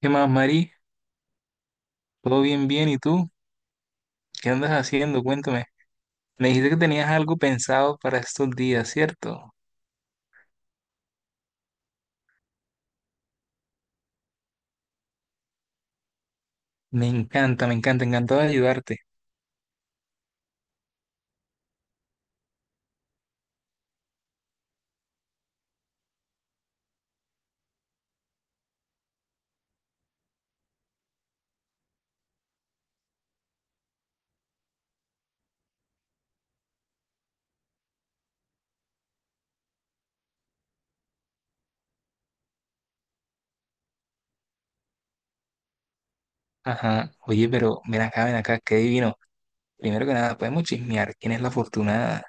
¿Qué más, Mari? ¿Todo bien? ¿Y tú? ¿Qué andas haciendo? Cuéntame. Me dijiste que tenías algo pensado para estos días, ¿cierto? Me encanta, encantado de ayudarte. Ajá. Oye, pero ven acá, qué divino. Primero que nada, podemos chismear. ¿Quién es la afortunada?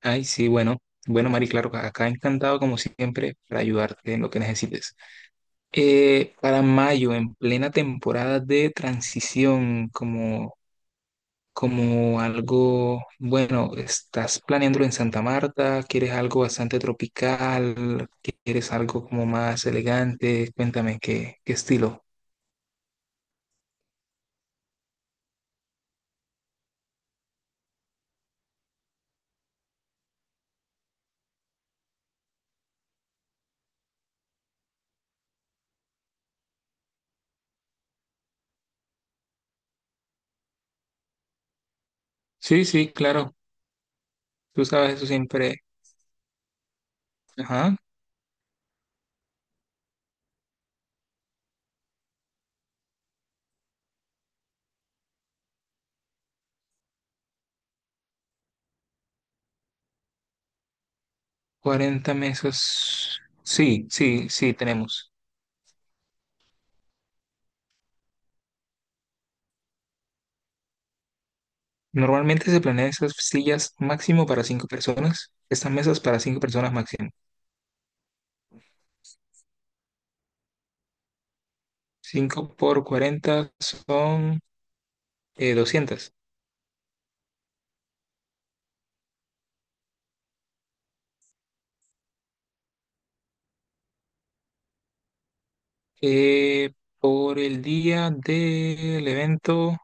Ay, sí, bueno. Bueno, Mari, claro, acá encantado como siempre para ayudarte en lo que necesites. Para mayo, en plena temporada de transición, como. Como algo, bueno, estás planeándolo en Santa Marta, quieres algo bastante tropical, quieres algo como más elegante, cuéntame qué estilo. Sí, sí, claro, tú sabes eso siempre. Ajá, cuarenta mesas. Sí, sí, sí, tenemos. Normalmente se planean esas sillas máximo para cinco personas, estas mesas para cinco personas máximo. Cinco por 40 son 200. Eh, por el día del evento,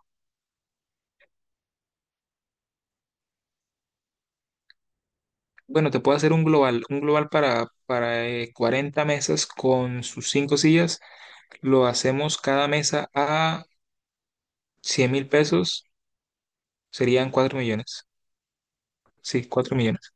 bueno, te puedo hacer un global para, para 40 mesas con sus cinco sillas. Lo hacemos cada mesa a 100 mil pesos, serían 4 millones. Sí, 4 millones.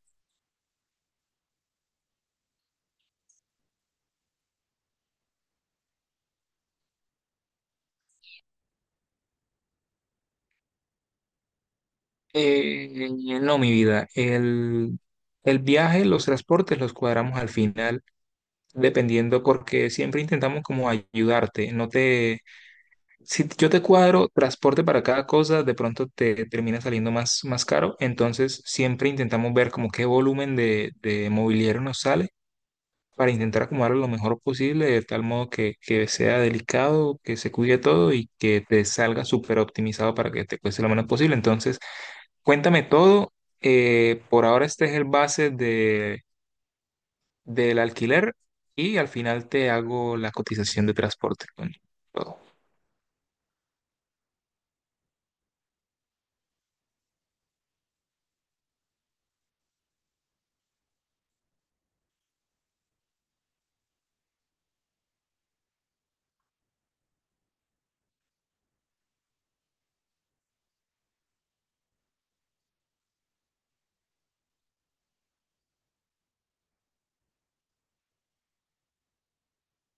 Eh, no, mi vida, el viaje, los transportes los cuadramos al final, dependiendo, porque siempre intentamos como ayudarte, no te. Si yo te cuadro transporte para cada cosa, de pronto te termina saliendo más, más caro. Entonces, siempre intentamos ver como qué volumen de mobiliario nos sale para intentar acomodarlo lo mejor posible, de tal modo que sea delicado, que se cuide todo y que te salga súper optimizado para que te cueste lo menos posible. Entonces, cuéntame todo. Por ahora este es el base del alquiler y al final te hago la cotización de transporte con todo.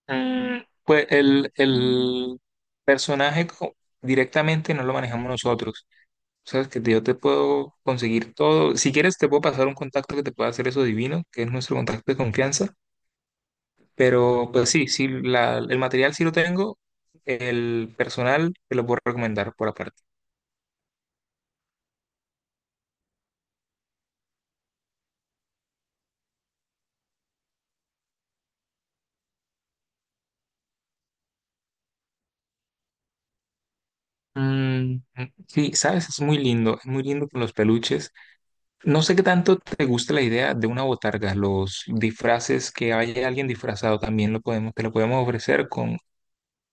Pues el personaje directamente no lo manejamos nosotros. Sabes que yo te puedo conseguir todo. Si quieres, te puedo pasar un contacto que te pueda hacer eso divino, que es nuestro contacto de confianza. Pero pues sí, sí, el material sí lo tengo. El personal te lo puedo recomendar por aparte. Mm, sí, sabes, es muy lindo. Es muy lindo con los peluches. No sé qué tanto te gusta la idea de una botarga, los disfraces que haya alguien disfrazado también lo podemos, te lo podemos ofrecer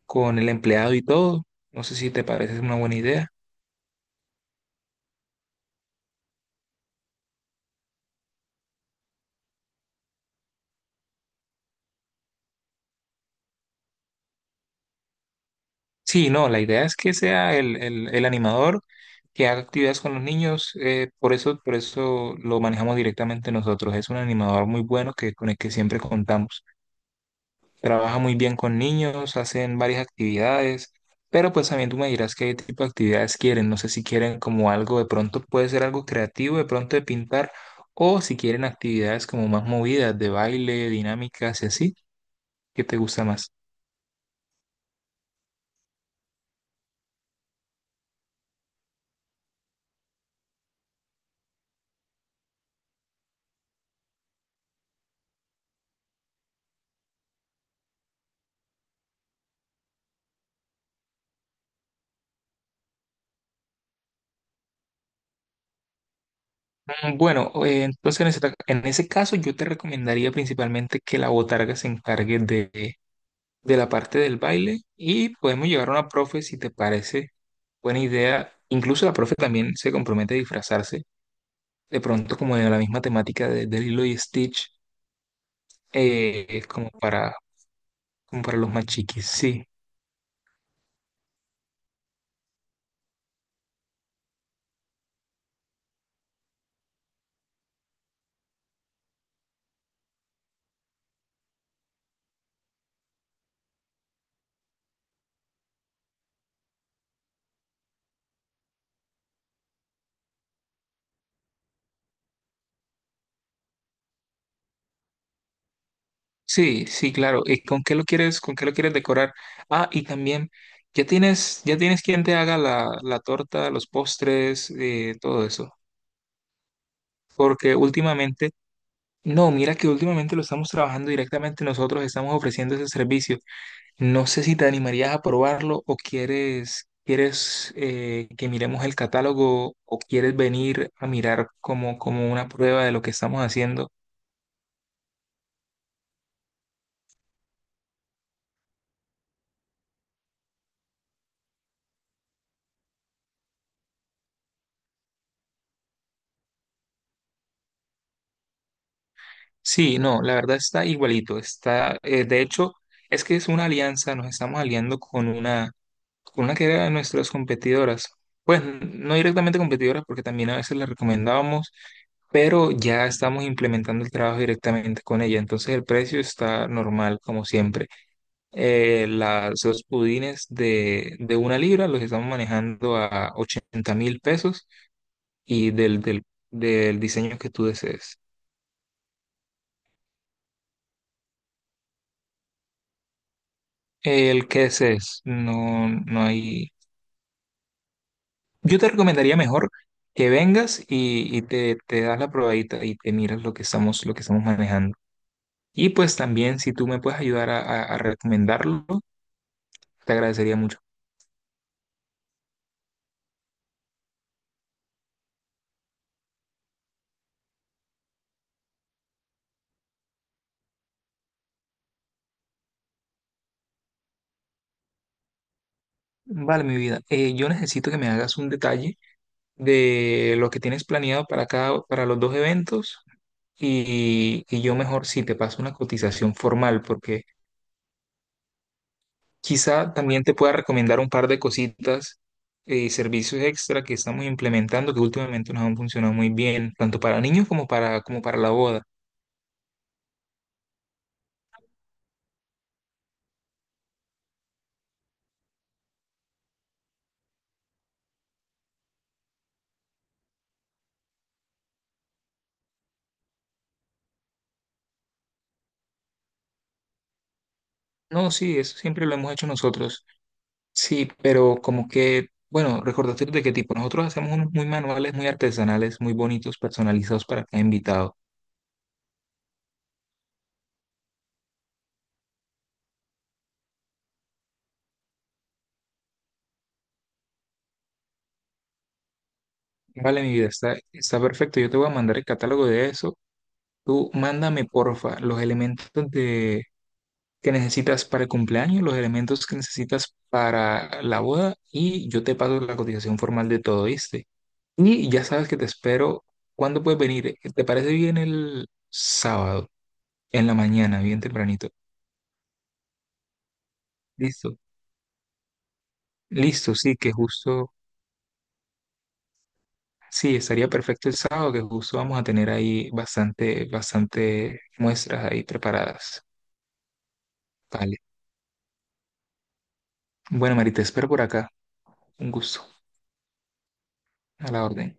con el empleado y todo. No sé si te parece una buena idea. Sí, no, la idea es que sea el animador que haga actividades con los niños, por eso lo manejamos directamente nosotros. Es un animador muy bueno que, con el que siempre contamos. Trabaja muy bien con niños, hacen varias actividades, pero pues también tú me dirás qué tipo de actividades quieren, no sé si quieren como algo de pronto puede ser algo creativo, de pronto de pintar, o si quieren actividades como más movidas, de baile, dinámicas y así, ¿qué te gusta más? Bueno, entonces en en ese caso yo te recomendaría principalmente que la botarga se encargue de la parte del baile y podemos llevar a una profe si te parece buena idea. Incluso la profe también se compromete a disfrazarse de pronto como de la misma temática de Lilo y Stitch, como para, como para los más chiquis. Sí, sí, sí, claro. ¿Y con qué lo quieres, con qué lo quieres decorar? Ah, y también, ya tienes quien te haga la torta, los postres, todo eso? Porque últimamente, no, mira que últimamente lo estamos trabajando directamente nosotros, estamos ofreciendo ese servicio. No sé si te animarías a probarlo o quieres, quieres que miremos el catálogo o quieres venir a mirar como, como una prueba de lo que estamos haciendo. Sí, no, la verdad está igualito. Está, de hecho, es que es una alianza, nos estamos aliando con una que era de nuestras competidoras. Pues no directamente competidoras, porque también a veces las recomendábamos, pero ya estamos implementando el trabajo directamente con ella. Entonces el precio está normal, como siempre. Las, los pudines de una libra los estamos manejando a 80 mil pesos y del diseño que tú desees. El que desees, no, no hay... Yo te recomendaría mejor que vengas y, te das la probadita y te miras lo que estamos manejando. Y pues también si tú me puedes ayudar a, a recomendarlo, te agradecería mucho. Vale, mi vida, yo necesito que me hagas un detalle de lo que tienes planeado para cada, para los dos eventos y yo mejor si te paso una cotización formal, porque quizá también te pueda recomendar un par de cositas y servicios extra que estamos implementando que últimamente nos han funcionado muy bien, tanto para niños como para, como para la boda. No, sí, eso siempre lo hemos hecho nosotros. Sí, pero como que, bueno, recordatorio de qué tipo. Nosotros hacemos unos muy manuales, muy artesanales, muy bonitos, personalizados para cada invitado. Vale, mi vida, está, está perfecto. Yo te voy a mandar el catálogo de eso. Tú mándame, porfa, los elementos de, que necesitas para el cumpleaños, los elementos que necesitas para la boda y yo te paso la cotización formal de todo, ¿viste? Y ya sabes que te espero. ¿Cuándo puedes venir? ¿Te parece bien el sábado, en la mañana, bien tempranito? Listo. Listo, sí, que justo, sí, estaría perfecto el sábado, que justo vamos a tener ahí bastante muestras ahí preparadas. Vale. Bueno, Mari, te espero por acá. Un gusto. A la orden.